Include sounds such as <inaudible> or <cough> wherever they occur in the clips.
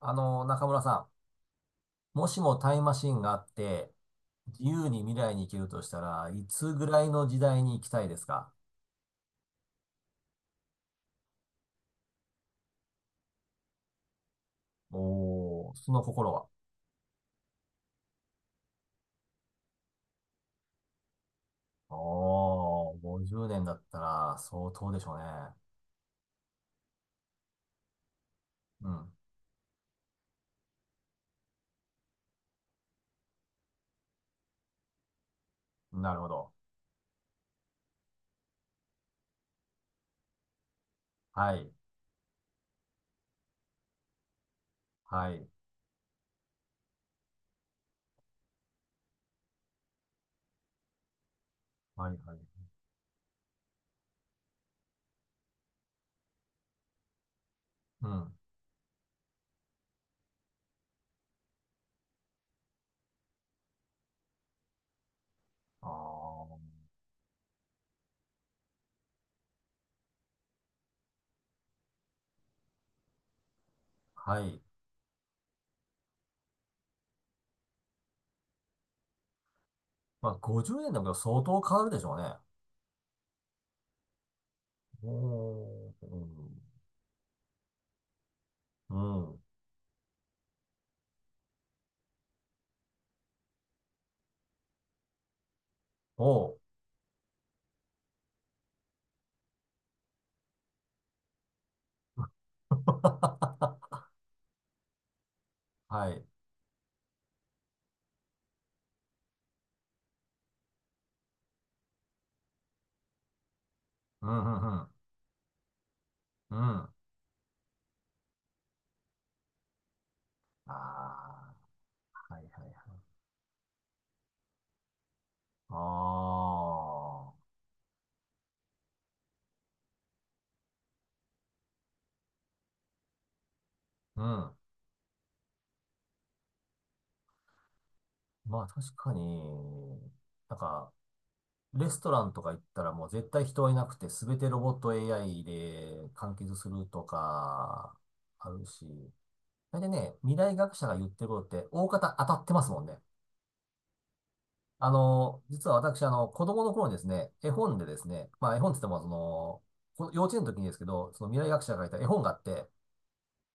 中村さん、もしもタイムマシンがあって、自由に未来に行けるとしたらいつぐらいの時代に行きたいですか？おー、その心は。おー、50年だったら相当でしょうね。うん。なるほど。はい。はい。はい、はい。うん。あー、はい。まあ、50年だけど相当変わるでしょうね。おー、うん。うん。おー。<laughs> はい。うん、うん、うん。うん。ああ、はいはいはい。ああ、うん。まあ確かに、なんか、レストランとか行ったらもう絶対人はいなくて、すべてロボット AI で完結するとか、あるし。大体ね、未来学者が言ってることって、大方当たってますもんね。実は私、子供の頃にですね、絵本でですね、まあ絵本って言っても、幼稚園の時にですけど、その未来学者が書いた絵本があって、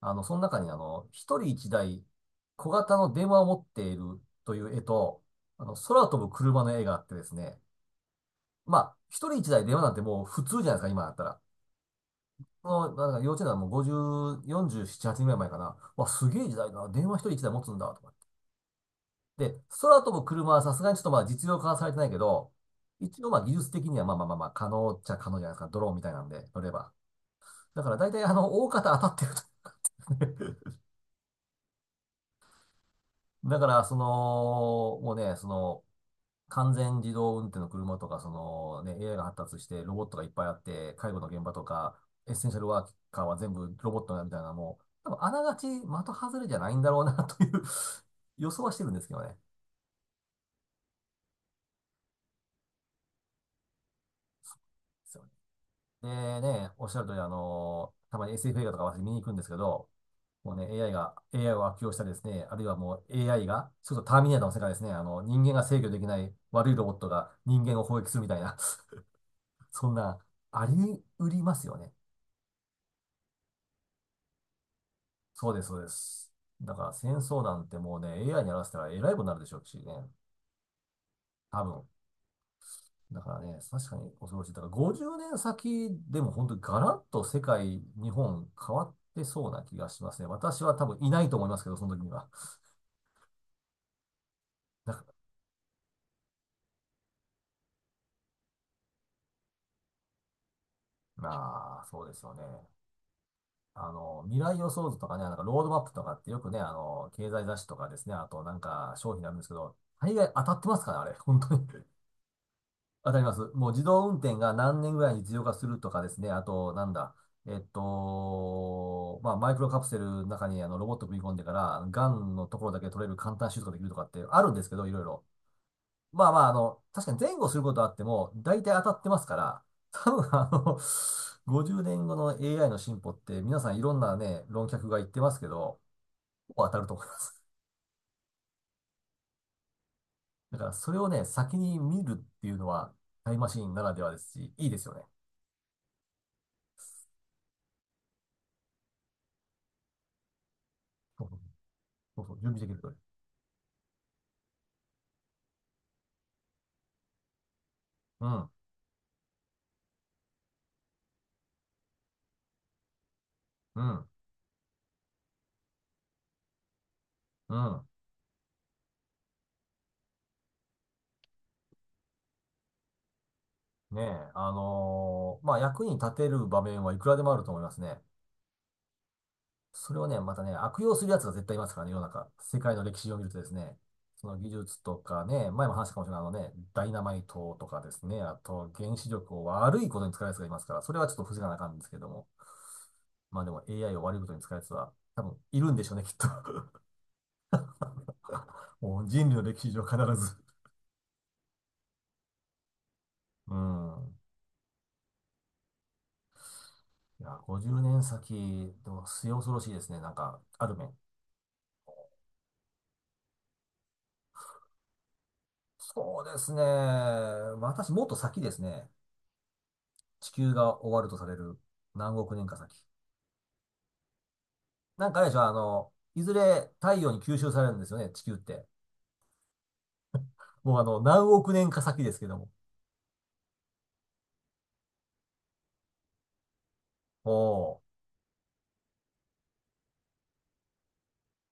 その中に一人一台小型の電話を持っているという絵と、空飛ぶ車の絵があってですね、まあ、一人一台電話なんてもう普通じゃないですか、今だったら。幼稚園はもう50、47、8年ぐらい前かな。わ、すげえ時代だな。電話一人一台持つんだ、とかって。で、空飛ぶ車はさすがにちょっとまあ実用化はされてないけど、一応まあ技術的にはまあまあ可能っちゃ可能じゃないですか。ドローンみたいなんで乗れば。だから大体大方当たってると。<laughs> だから、その、もうね、その、完全自動運転の車とか、そのね、AI が発達して、ロボットがいっぱいあって、介護の現場とか、エッセンシャルワーカーは全部ロボットだみたいな、もう、多分あながち的外れじゃないんだろうなという <laughs> 予想はしてるんですけどね。そうでね、おっしゃる通り、たまに SF 映画とか私見に行くんですけど、もうね、AI が、AI を悪用したりですね、あるいはもう AI が、そうそうターミネーターの世界ですね、人間が制御できない悪いロボットが人間を攻撃するみたいな、<laughs> そんな、あり得りますよね。そうです、そうです。だから戦争なんてもうね、AI にやらせたらえらいことになるでしょうしね。多分。だからね、確かに恐ろしい。だから50年先でも本当にガラッと世界、日本変わってそうな気がしますね。私は多分いないと思いますけど、その時には。<laughs> だからまあ、そうですよね。未来予想図とかね、ロードマップとかってよくね、経済雑誌とかですね、あと商品なんですけど、大概当たってますからね、あれ、本当に。わかります。もう自動運転が何年ぐらいに実用化するとかですね。あと、なんだ。まあ、マイクロカプセルの中にあのロボット組み込んでから、がんのところだけ取れる簡単手術ができるとかってあるんですけど、いろいろ。まあまあ、確かに前後することはあっても、大体当たってますから、多分あの、50年後の AI の進歩って皆さんいろんなね、論客が言ってますけど、ほぼ当たると思います。だからそれをね、先に見るっていうのは、タイムマシンならではですし、いいですよね。そうそうそうそう準備できると。うん、うん、うん。ねえ、まあ、役に立てる場面はいくらでもあると思いますね。それをね、またね、悪用する奴が絶対いますからね、世の中。世界の歴史を見るとですね、その技術とかね、前も話したかもしれないダイナマイトとかですね、あと原子力を悪いことに使う奴がいますから、それはちょっと防がなあかんんですけども。まあでも AI を悪いことに使う奴は多分いるんでしょうね、きっと。<laughs> もう人類の歴史上必ず。うん。いや、50年先、でも末恐ろしいですね、なんか、ある面。そうですね。私、もっと先ですね。地球が終わるとされる何億年か先。なんかあれでしょ、いずれ太陽に吸収されるんですよね、地球って。もう何億年か先ですけども。おー、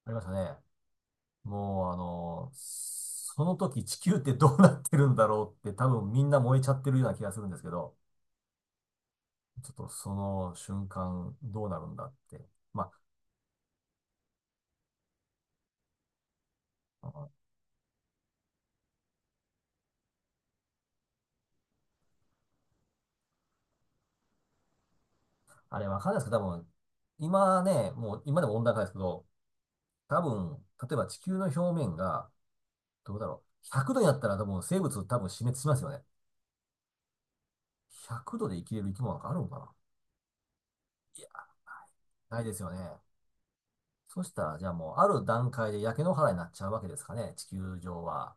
ありましたね。もうその時地球ってどうなってるんだろうって多分みんな燃えちゃってるような気がするんですけど、ちょっとその瞬間どうなるんだって。まあ、あのあれわかんないですけど、多分、今ね、もう今でも温暖化ですけど、多分、例えば地球の表面が、どうだろう。100度になったら多分生物多分死滅しますよね。100度で生きれる生き物なんかあるのかな。いや、ないですよね。そしたら、じゃあもうある段階で焼け野原になっちゃうわけですかね、地球上は。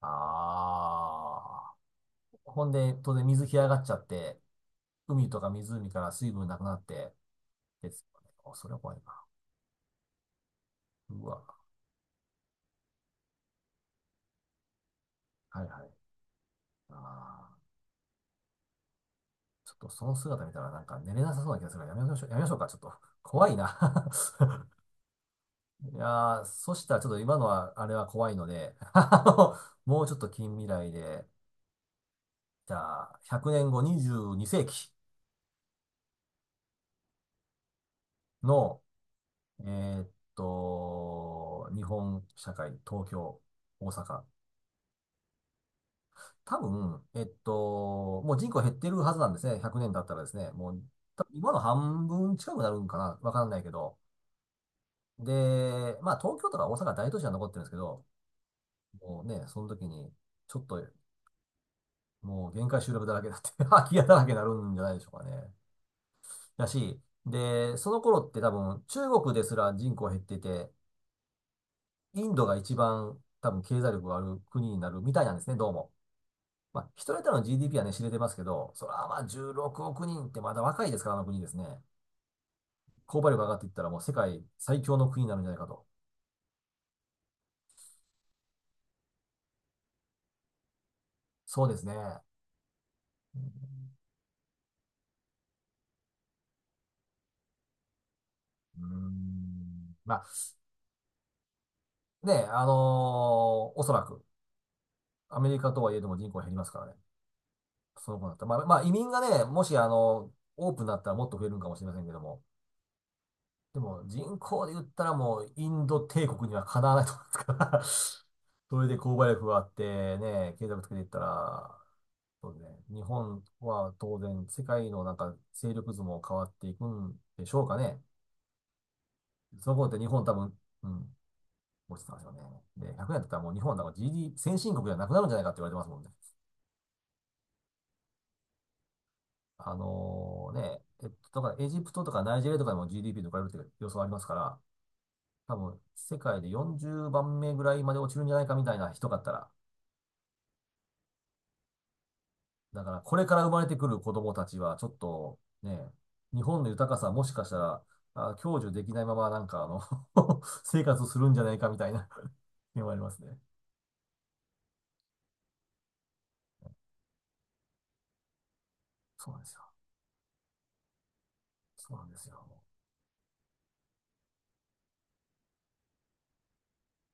ああ。ほんで、当然水干上がっちゃって、海とか湖から水分なくなって、ですよね。おそれは怖いな。うわ。はいはい。ああ。ちょっとその姿見たらなんか寝れなさそうな気がするからやめましょう、やめましょうか。ちょっと怖いな。 <laughs> いやー、そしたらちょっと今のは、あれは怖いので、<laughs> もうちょっと近未来で、じゃあ、100年後22世紀の、えーっ日本社会、東京、大阪。多分、もう人口減ってるはずなんですね。100年経ったらですね。もう、多分今の半分近くなるんかなわかんないけど。で、まあ東京とか大阪大都市は残ってるんですけど、もうね、その時に、ちょっともう限界集落だらけだって <laughs> 空き家だらけになるんじゃないでしょうかね。だし、で、その頃って多分中国ですら人口減ってて、インドが一番多分経済力がある国になるみたいなんですね、どうも。まあ、一人当たりの GDP はね、知れてますけど、それはまあ16億人ってまだ若いですから、あの国ですね。購買力上がっていったらもう世界最強の国になるんじゃないかと。そうですね。うん、うんまあね、おそらくアメリカとはいえども人口減りますからね。その子だった。まあ、移民がね、もしオープンだったらもっと増えるんかもしれませんけども。でも、人口で言ったらもう、インド帝国にはかなわないと思いますから。 <laughs> それで購買力があってね、経済をつけていったら、そうですね、日本は当然、世界のなんか勢力図も変わっていくんでしょうかね。その頃って日本多分、うん、落ちてますよね。で、100年だったらもう日本はなんか GD、先進国じゃなくなるんじゃないかって言われてますもんね。あのね、だからエジプトとかナイジェリアとかでも GDP とかいるって予想ありますから、多分世界で40番目ぐらいまで落ちるんじゃないかみたいな人だったら、だからこれから生まれてくる子供たちはちょっとね、日本の豊かさもしかしたら、あ、享受できないままなんかあの <laughs> 生活するんじゃないかみたいな <laughs> 気もありますね。そうなんですよ。そうなんですよ。